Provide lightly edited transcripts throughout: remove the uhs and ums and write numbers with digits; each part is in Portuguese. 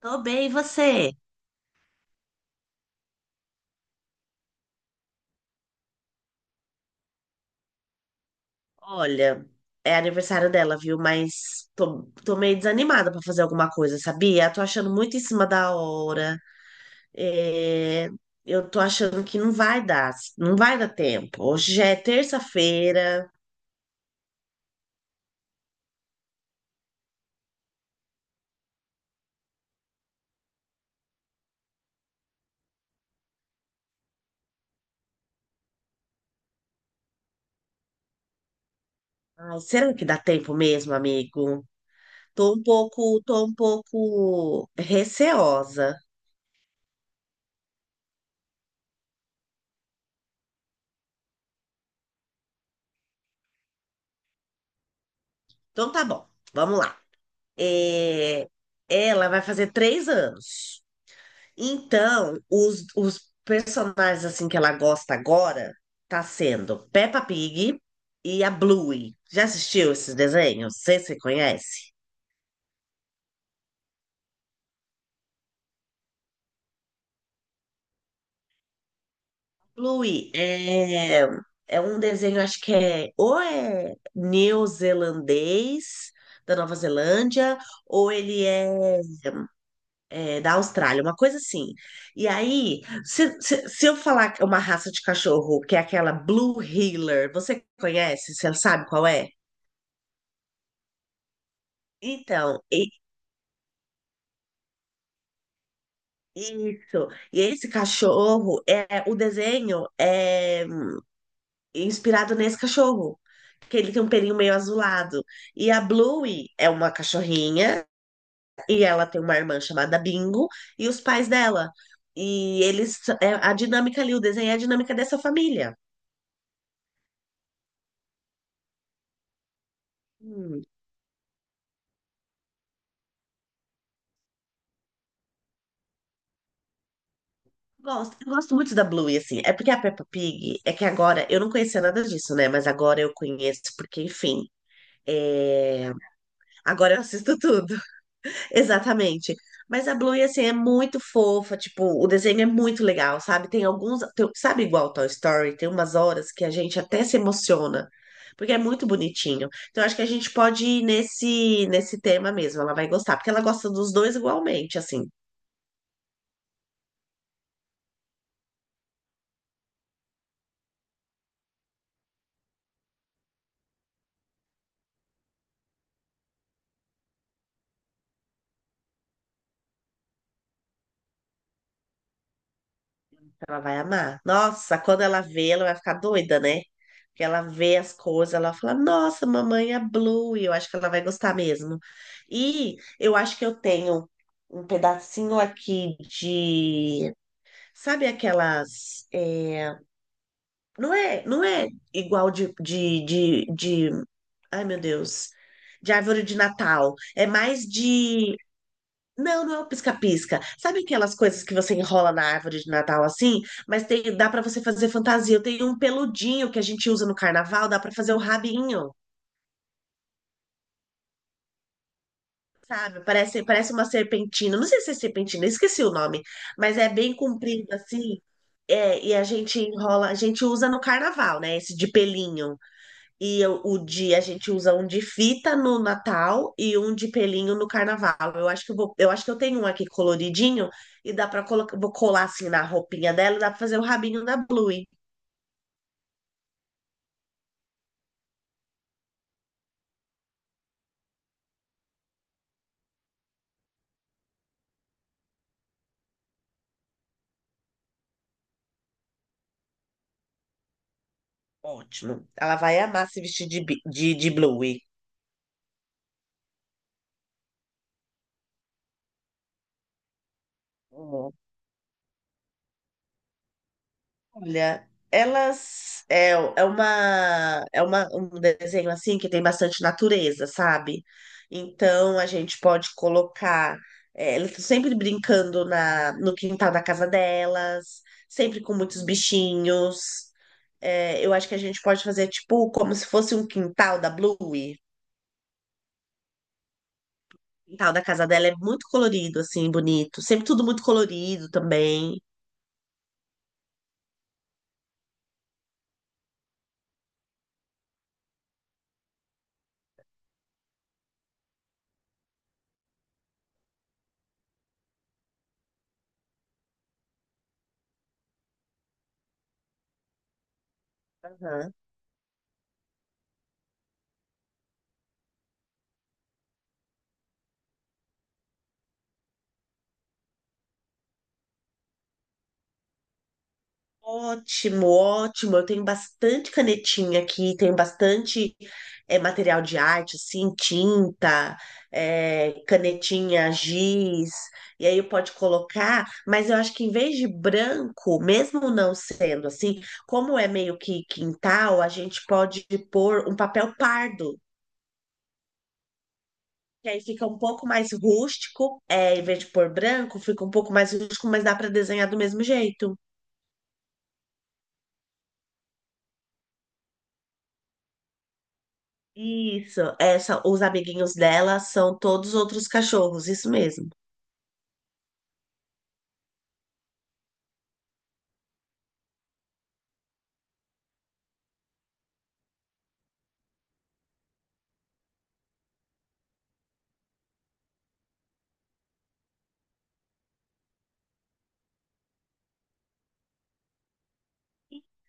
Tô bem, e você? Olha, é aniversário dela, viu? Mas tô meio desanimada pra fazer alguma coisa, sabia? Tô achando muito em cima da hora. É, Eu tô achando que não vai dar tempo. Hoje já é terça-feira. Ai, será que dá tempo mesmo, amigo? Tô um pouco receosa. Então tá bom, vamos lá. É, Ela vai fazer 3 anos. Então, os personagens assim que ela gosta agora tá sendo Peppa Pig e a Bluey. Já assistiu esses desenhos? Você se conhece? Bluey é um desenho, acho que é ou é neozelandês, da Nova Zelândia, ou ele é, é, da Austrália, uma coisa assim. E aí, se eu falar uma raça de cachorro que é aquela Blue Heeler, você conhece? Você sabe qual é? Então, e- isso. E esse cachorro, o desenho é inspirado nesse cachorro, que ele tem um pelinho meio azulado. E a Bluey é uma cachorrinha, e ela tem uma irmã chamada Bingo, e os pais dela. E eles, é a dinâmica ali, o desenho é a dinâmica dessa família. Hum, gosto, eu gosto muito da Bluey, assim. É porque a Peppa Pig, é que agora, eu não conhecia nada disso, né? Mas agora eu conheço, porque, enfim, é, agora eu assisto tudo. Exatamente. Mas a Bluey, assim, é muito fofa, tipo, o desenho é muito legal, sabe? Sabe, igual Toy Story, tem umas horas que a gente até se emociona, porque é muito bonitinho. Então, acho que a gente pode ir nesse tema mesmo, ela vai gostar, porque ela gosta dos dois igualmente, assim. Ela vai amar. Nossa, quando ela vê, ela vai ficar doida, né? Porque ela vê as coisas, ela fala, nossa, mamãe é Blue, e eu acho que ela vai gostar mesmo. E eu acho que eu tenho um pedacinho aqui de. Sabe aquelas. Não é, não é igual de Ai, meu Deus. De árvore de Natal. É mais de, não, não é o pisca-pisca. Sabe aquelas coisas que você enrola na árvore de Natal assim? Mas tem, dá pra você fazer fantasia. Eu tenho um peludinho que a gente usa no carnaval, dá pra fazer o rabinho, sabe? Parece uma serpentina. Não sei se é serpentina, esqueci o nome, mas é bem comprido assim. É, e a gente enrola, a gente usa no carnaval, né? Esse de pelinho. E eu- o de A gente usa um de fita no Natal e um de pelinho no Carnaval. Eu acho que eu tenho um aqui coloridinho e dá para colocar, vou colar assim na roupinha dela, e dá para fazer o rabinho da Bluey. Ótimo. Ela vai amar se vestir de Bluey. Olha, elas é, é uma, um desenho assim que tem bastante natureza, sabe? Então a gente pode colocar, elas estão sempre brincando na no quintal da casa delas, sempre com muitos bichinhos. É, eu acho que a gente pode fazer tipo como se fosse um quintal da Bluey. O quintal da casa dela é muito colorido, assim, bonito. Sempre tudo muito colorido também. Aham. Ótimo, ótimo. Eu tenho bastante canetinha aqui, tenho bastante material de arte, assim, tinta, canetinha, giz, e aí pode colocar, mas eu acho que em vez de branco, mesmo não sendo assim, como é meio que quintal, a gente pode pôr um papel pardo. Que aí fica um pouco mais rústico, é, em vez de pôr branco, fica um pouco mais rústico, mas dá para desenhar do mesmo jeito. Isso, essa, os amiguinhos dela são todos outros cachorros, isso mesmo.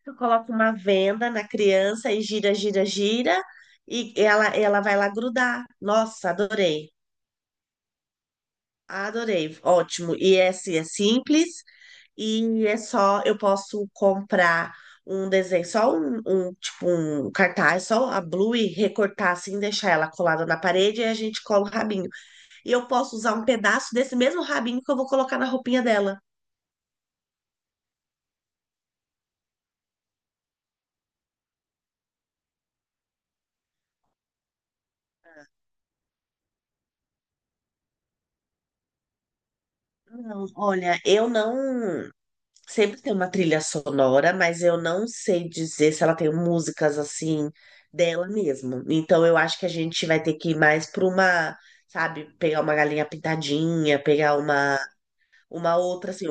Tu coloca uma venda na criança e gira, gira, gira, e ela vai lá grudar. Nossa, adorei, adorei, ótimo. E esse é simples, e é só, eu posso comprar um desenho, só um, um, tipo, um cartaz, só a Blue, e recortar assim, deixar ela colada na parede, e a gente cola o rabinho. E eu posso usar um pedaço desse mesmo rabinho que eu vou colocar na roupinha dela. Não, olha, eu não. Sempre tem uma trilha sonora, mas eu não sei dizer se ela tem músicas assim dela mesmo. Então eu acho que a gente vai ter que ir mais para sabe, pegar uma galinha pintadinha, uma outra assim.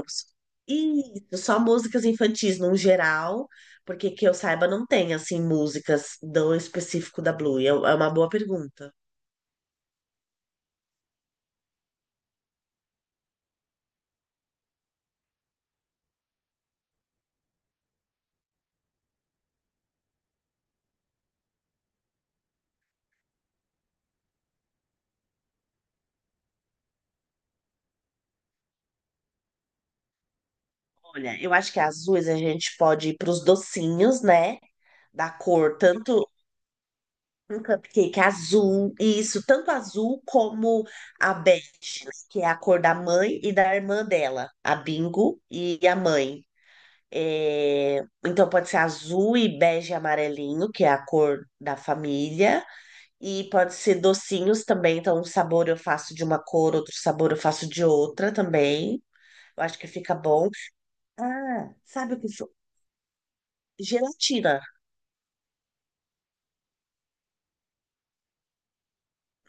Isso, só músicas infantis no geral, porque, que eu saiba, não tem assim músicas do específico da Blue. É, é uma boa pergunta. Olha, eu acho que azuis a gente pode ir para os docinhos, né? Da cor, tanto um cupcake azul, isso, tanto azul como a bege, né, que é a cor da mãe e da irmã dela, a Bingo e a mãe. É, então pode ser azul e bege e amarelinho, que é a cor da família, e pode ser docinhos também, então um sabor eu faço de uma cor, outro sabor eu faço de outra também. Eu acho que fica bom. Ah, sabe o que foi? Gelatina.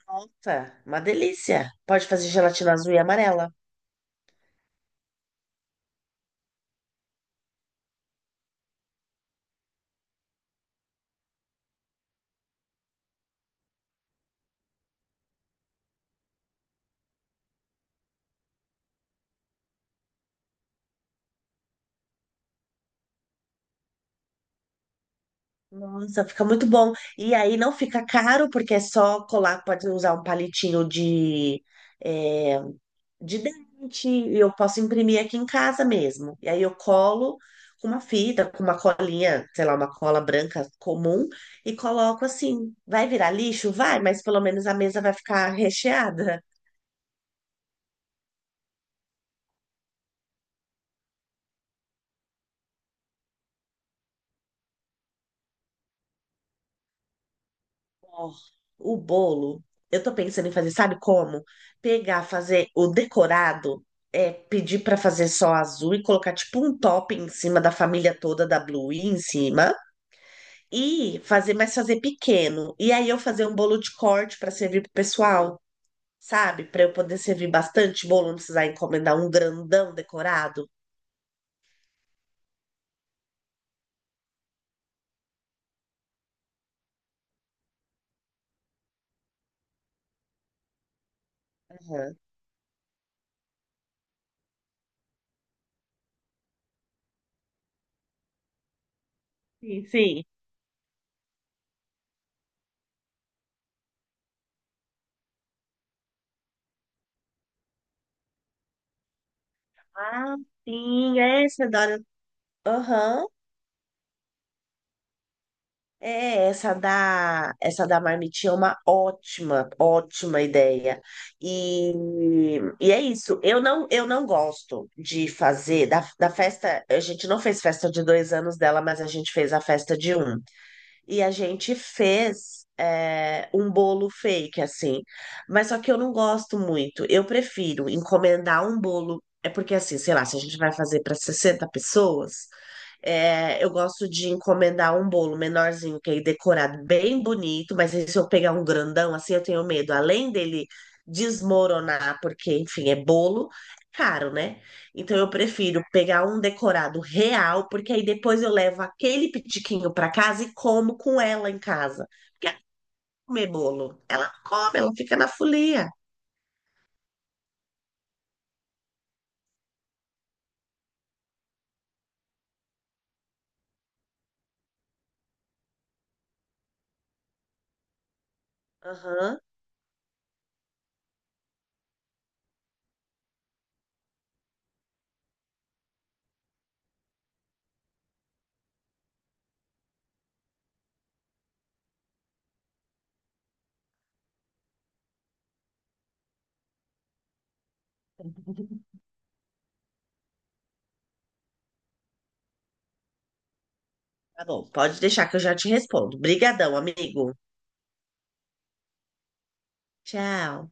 Nossa, uma delícia. Pode fazer gelatina azul e amarela. Nossa, fica muito bom. E aí não fica caro, porque é só colar, pode usar um palitinho de, é, de dente, e eu posso imprimir aqui em casa mesmo. E aí eu colo com uma fita, com uma colinha, sei lá, uma cola branca comum, e coloco assim. Vai virar lixo? Vai, mas pelo menos a mesa vai ficar recheada. Ó, o bolo, eu tô pensando em fazer, sabe como? Pegar, fazer o decorado, é, pedir pra fazer só azul e colocar tipo um top em cima da família toda da Blue em cima e fazer, mas fazer pequeno. E aí eu fazer um bolo de corte pra servir pro pessoal, sabe? Pra eu poder servir bastante bolo, não precisar encomendar um grandão decorado. Aham. Sim, sim. Ah, sim, é, Fedora. Aham. É, essa da marmitinha é uma ótima, ótima ideia. E, e é isso. Eu não gosto de fazer da festa. A gente não fez festa de 2 anos dela, mas a gente fez a festa de um. E a gente fez, é, um bolo fake, assim. Mas só que eu não gosto muito. Eu prefiro encomendar um bolo. É porque, assim, sei lá, se a gente vai fazer para 60 pessoas, é, eu gosto de encomendar um bolo menorzinho, que aí decorado bem bonito. Mas aí se eu pegar um grandão, assim, eu tenho medo, além dele desmoronar, porque, enfim, é bolo, é caro, né? Então eu prefiro pegar um decorado real, porque aí depois eu levo aquele pitiquinho para casa e como com ela em casa. Porque ela não come bolo, ela não come, ela fica na folia. Aham. Tá bom, pode deixar que eu já te respondo. Brigadão, amigo. Tchau.